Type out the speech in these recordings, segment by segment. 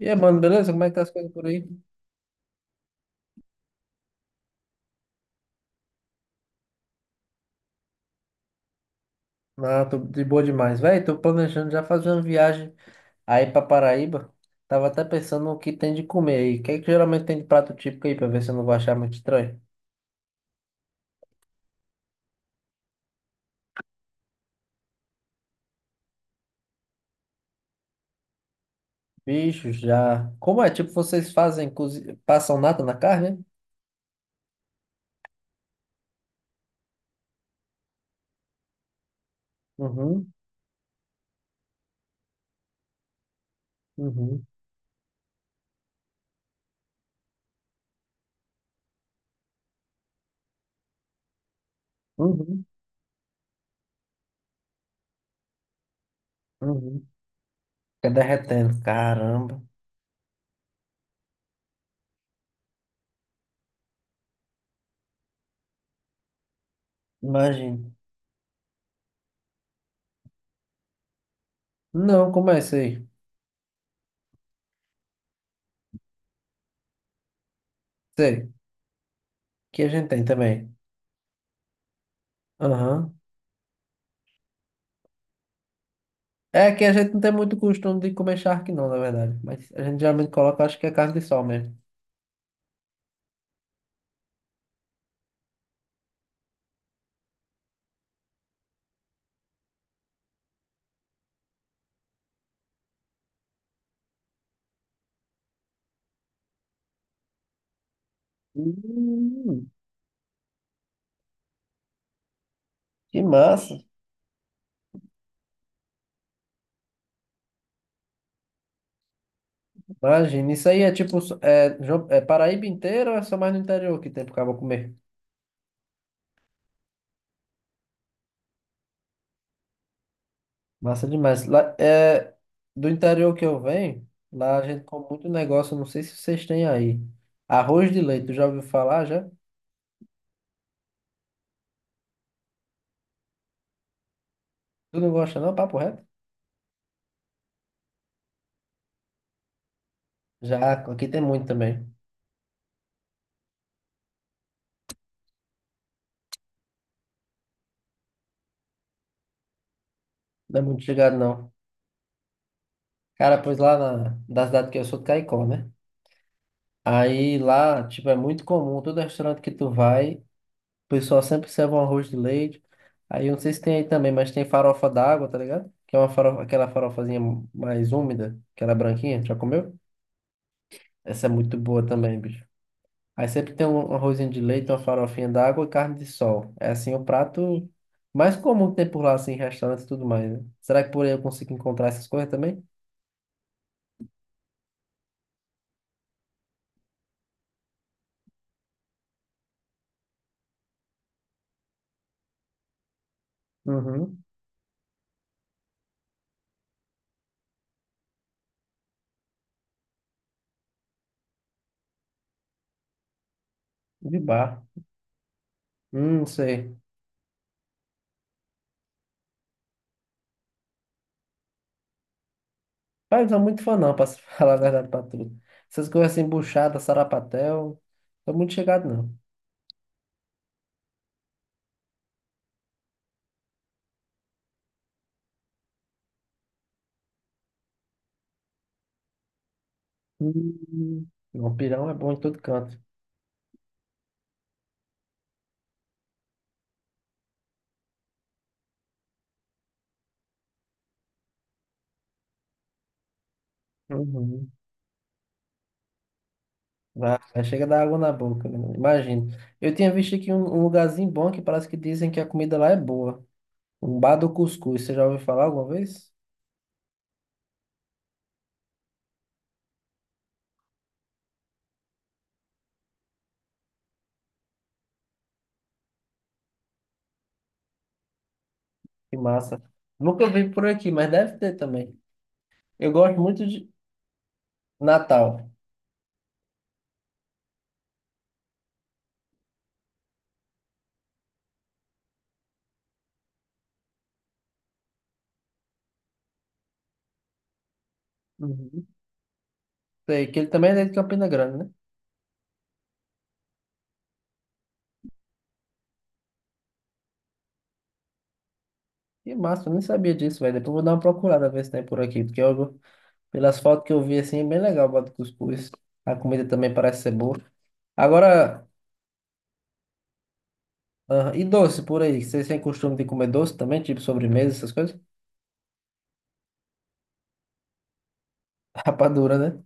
E aí, mano, beleza? Como é que tá as coisas por aí? Ah, tô de boa demais. Véi, tô planejando já fazer uma viagem aí pra Paraíba. Tava até pensando no que tem de comer aí. O que é que geralmente tem de prato típico aí, pra ver se eu não vou achar muito estranho? Bicho, já. Como é? Tipo, vocês fazem, passam nada na carne? Né? Uhum, uhum, uhum, uhum. Fica derretendo. Caramba, imagina. Não, como é isso aí? Sei, que a gente tem também. Aham. É que a gente não tem muito costume de comer charque, não, na verdade. Mas a gente geralmente coloca, acho que é carne de sol mesmo. Hum. Que massa! Imagina, isso aí é tipo, é, é Paraíba inteira ou é só mais no interior que tem pro cabo comer? Massa demais. Lá, é, do interior que eu venho, lá a gente come muito negócio, não sei se vocês têm aí. Arroz de leite, tu já ouviu falar já? Tu não gosta não, papo reto? Já, aqui tem muito também. Não é muito chegado não. Cara, pois da cidade que eu sou de Caicó, né? Aí lá, tipo, é muito comum, todo restaurante que tu vai, o pessoal sempre serve um arroz de leite. Aí eu não sei se tem aí também, mas tem farofa d'água, tá ligado? Que é uma farofa, aquela farofazinha mais úmida, aquela branquinha, já comeu? Essa é muito boa também, bicho. Aí sempre tem um arrozinho de leite, uma farofinha d'água e carne de sol. É assim o prato mais comum que tem por lá, assim, em restaurantes e tudo mais, né? Será que por aí eu consigo encontrar essas coisas também? Uhum. De bar. Sei. Pai, não sou muito fã não, pra se falar a verdade pra tu. Essas coisas assim, buchada, sarapatel, tô muito chegado não. Hum. Não, pirão é bom em todo canto. Uhum. Vai, vai, chega da água na boca, menino. Imagina. Eu tinha visto aqui um lugarzinho bom que parece que dizem que a comida lá é boa. Um bar do cuscuz, você já ouviu falar alguma vez? Que massa. Nunca vi por aqui, mas deve ter também. Eu gosto muito de Natal. Uhum. Sei, que ele também é de Campina Grande, né? Que massa, eu nem sabia disso, velho. Depois eu vou dar uma procurada, ver se tem por aqui. Pelas fotos que eu vi, assim, é bem legal o bode cuscuz. A comida também parece ser boa. Agora, ah, e doce por aí? Vocês têm costume de comer doce também? Tipo sobremesa, essas coisas? Rapadura, né?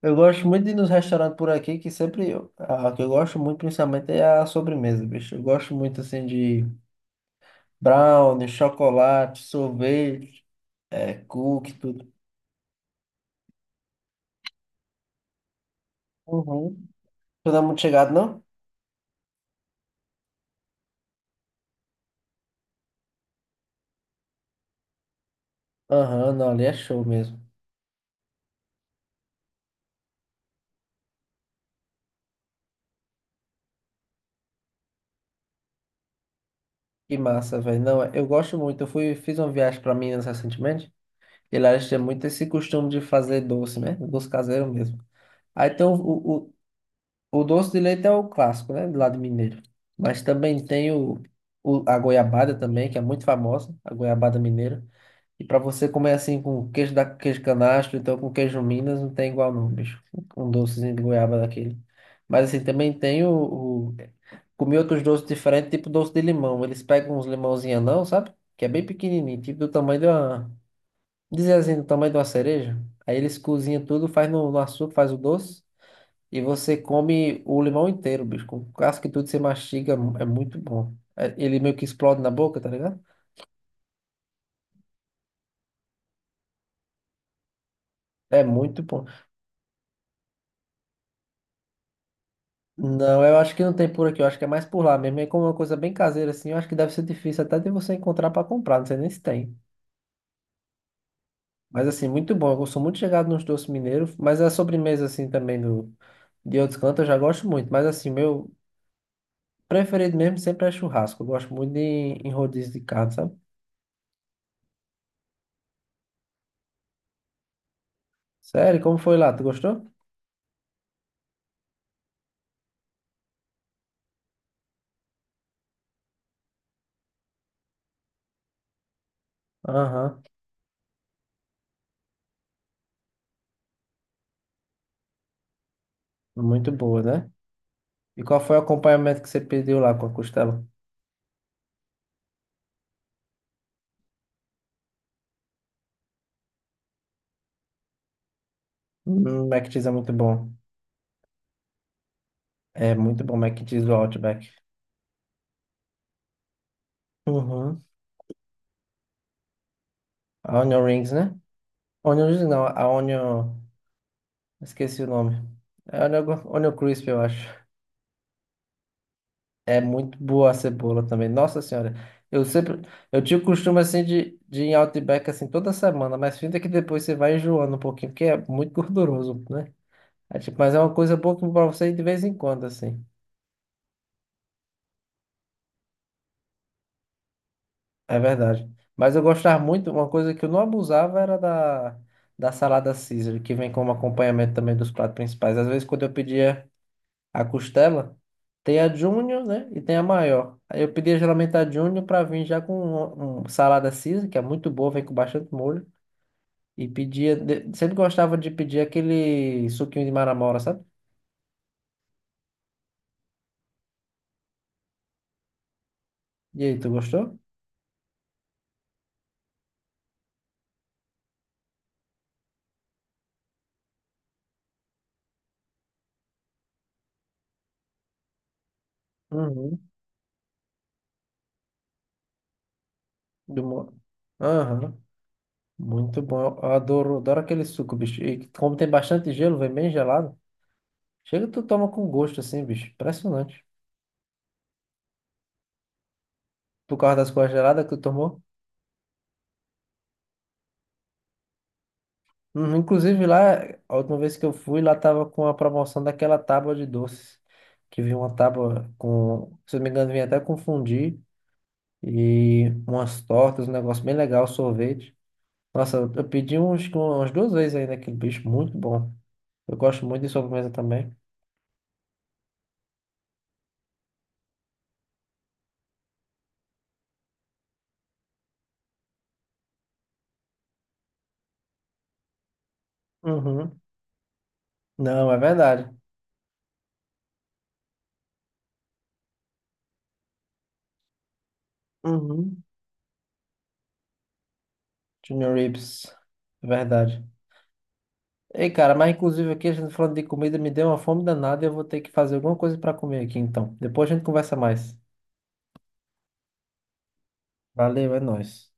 Eu gosto muito de ir nos restaurantes por aqui, que sempre. A que eu gosto muito, principalmente, é a sobremesa, bicho. Eu gosto muito, assim, de brownie, chocolate, sorvete, é, cookie, tudo. Uhum. Tu não é muito chegado, não? Aham, não, ali é show mesmo. Que massa, velho. Não, é, eu gosto muito. Fiz uma viagem pra Minas recentemente, e lá eles têm muito esse costume de fazer doce, né? Doce caseiro mesmo. Aí tem o doce de leite é o clássico, né? Do lado mineiro. Mas também tem a goiabada também, que é muito famosa, a goiabada mineira. E para você comer assim com queijo canastro, então com queijo Minas, não tem igual não, bicho. Um docezinho de goiaba daquele. Mas assim, também tem comi outros doces diferentes, tipo doce de limão. Eles pegam uns limãozinhos anão, sabe? Que é bem pequenininho, tipo do tamanho de uma... Dizer assim, do tamanho de uma cereja. Aí eles cozinham tudo, faz no açúcar, faz o doce. E você come o limão inteiro, bicho. Com casca e tudo, você mastiga, é muito bom. Ele meio que explode na boca, tá ligado? É muito bom. Não, eu acho que não tem por aqui, eu acho que é mais por lá mesmo. É como uma coisa bem caseira, assim, eu acho que deve ser difícil até de você encontrar pra comprar, não sei nem se tem. Mas assim, muito bom. Eu sou muito chegado nos doces mineiros, mas a sobremesa, assim, também do, de outros cantos eu já gosto muito. Mas assim, meu preferido mesmo sempre é churrasco. Eu gosto muito de, em rodízio de carne, sabe? Sério, como foi lá? Tu gostou? Aham. Muito boa, né? E qual foi o acompanhamento que você pediu lá com a costela? Mac Cheese é muito bom. É muito bom Mac and Cheese do Outback. Uhum. A Onion Rings, né? Onion Rings não, a Onion... Esqueci o nome. É Onion, Onion Crisp, eu acho. É muito boa a cebola também. Nossa Senhora. Eu sempre... Eu tinha o costume, assim, de ir em Outback, assim, toda semana. Mas finta que depois você vai enjoando um pouquinho, porque é muito gorduroso, né? É, tipo, mas é uma coisa boa que pra você ir de vez em quando, assim. É verdade. Mas eu gostava muito, uma coisa que eu não abusava era da salada Caesar, que vem como acompanhamento também dos pratos principais. Às vezes, quando eu pedia a costela, tem a Júnior, né? E tem a maior. Aí eu pedia geralmente a Júnior para vir já com um salada Caesar, que é muito boa, vem com bastante molho. E pedia, sempre gostava de pedir aquele suquinho de maramora, sabe? E aí, tu gostou? Uhum. Do molho. Muito bom. Eu adoro, adoro aquele suco, bicho. E como tem bastante gelo, vem bem gelado. Chega, tu toma com gosto, assim, bicho. Impressionante. Por causa das coisas geladas que tu tomou. Uhum. Inclusive, lá, a última vez que eu fui, lá tava com a promoção daquela tábua de doces. Que vinha uma tábua com, se eu não me engano, vinha até confundir. E umas tortas, um negócio bem legal, sorvete. Nossa, eu pedi uns, umas duas vezes aí naquele bicho. Muito bom. Eu gosto muito de sobremesa também. Uhum. Não, é verdade. Uhum. Junior Ribs, é verdade. Ei, cara, mas inclusive aqui a gente falando de comida me deu uma fome danada e eu vou ter que fazer alguma coisa pra comer aqui então. Depois a gente conversa mais. Valeu, é nóis.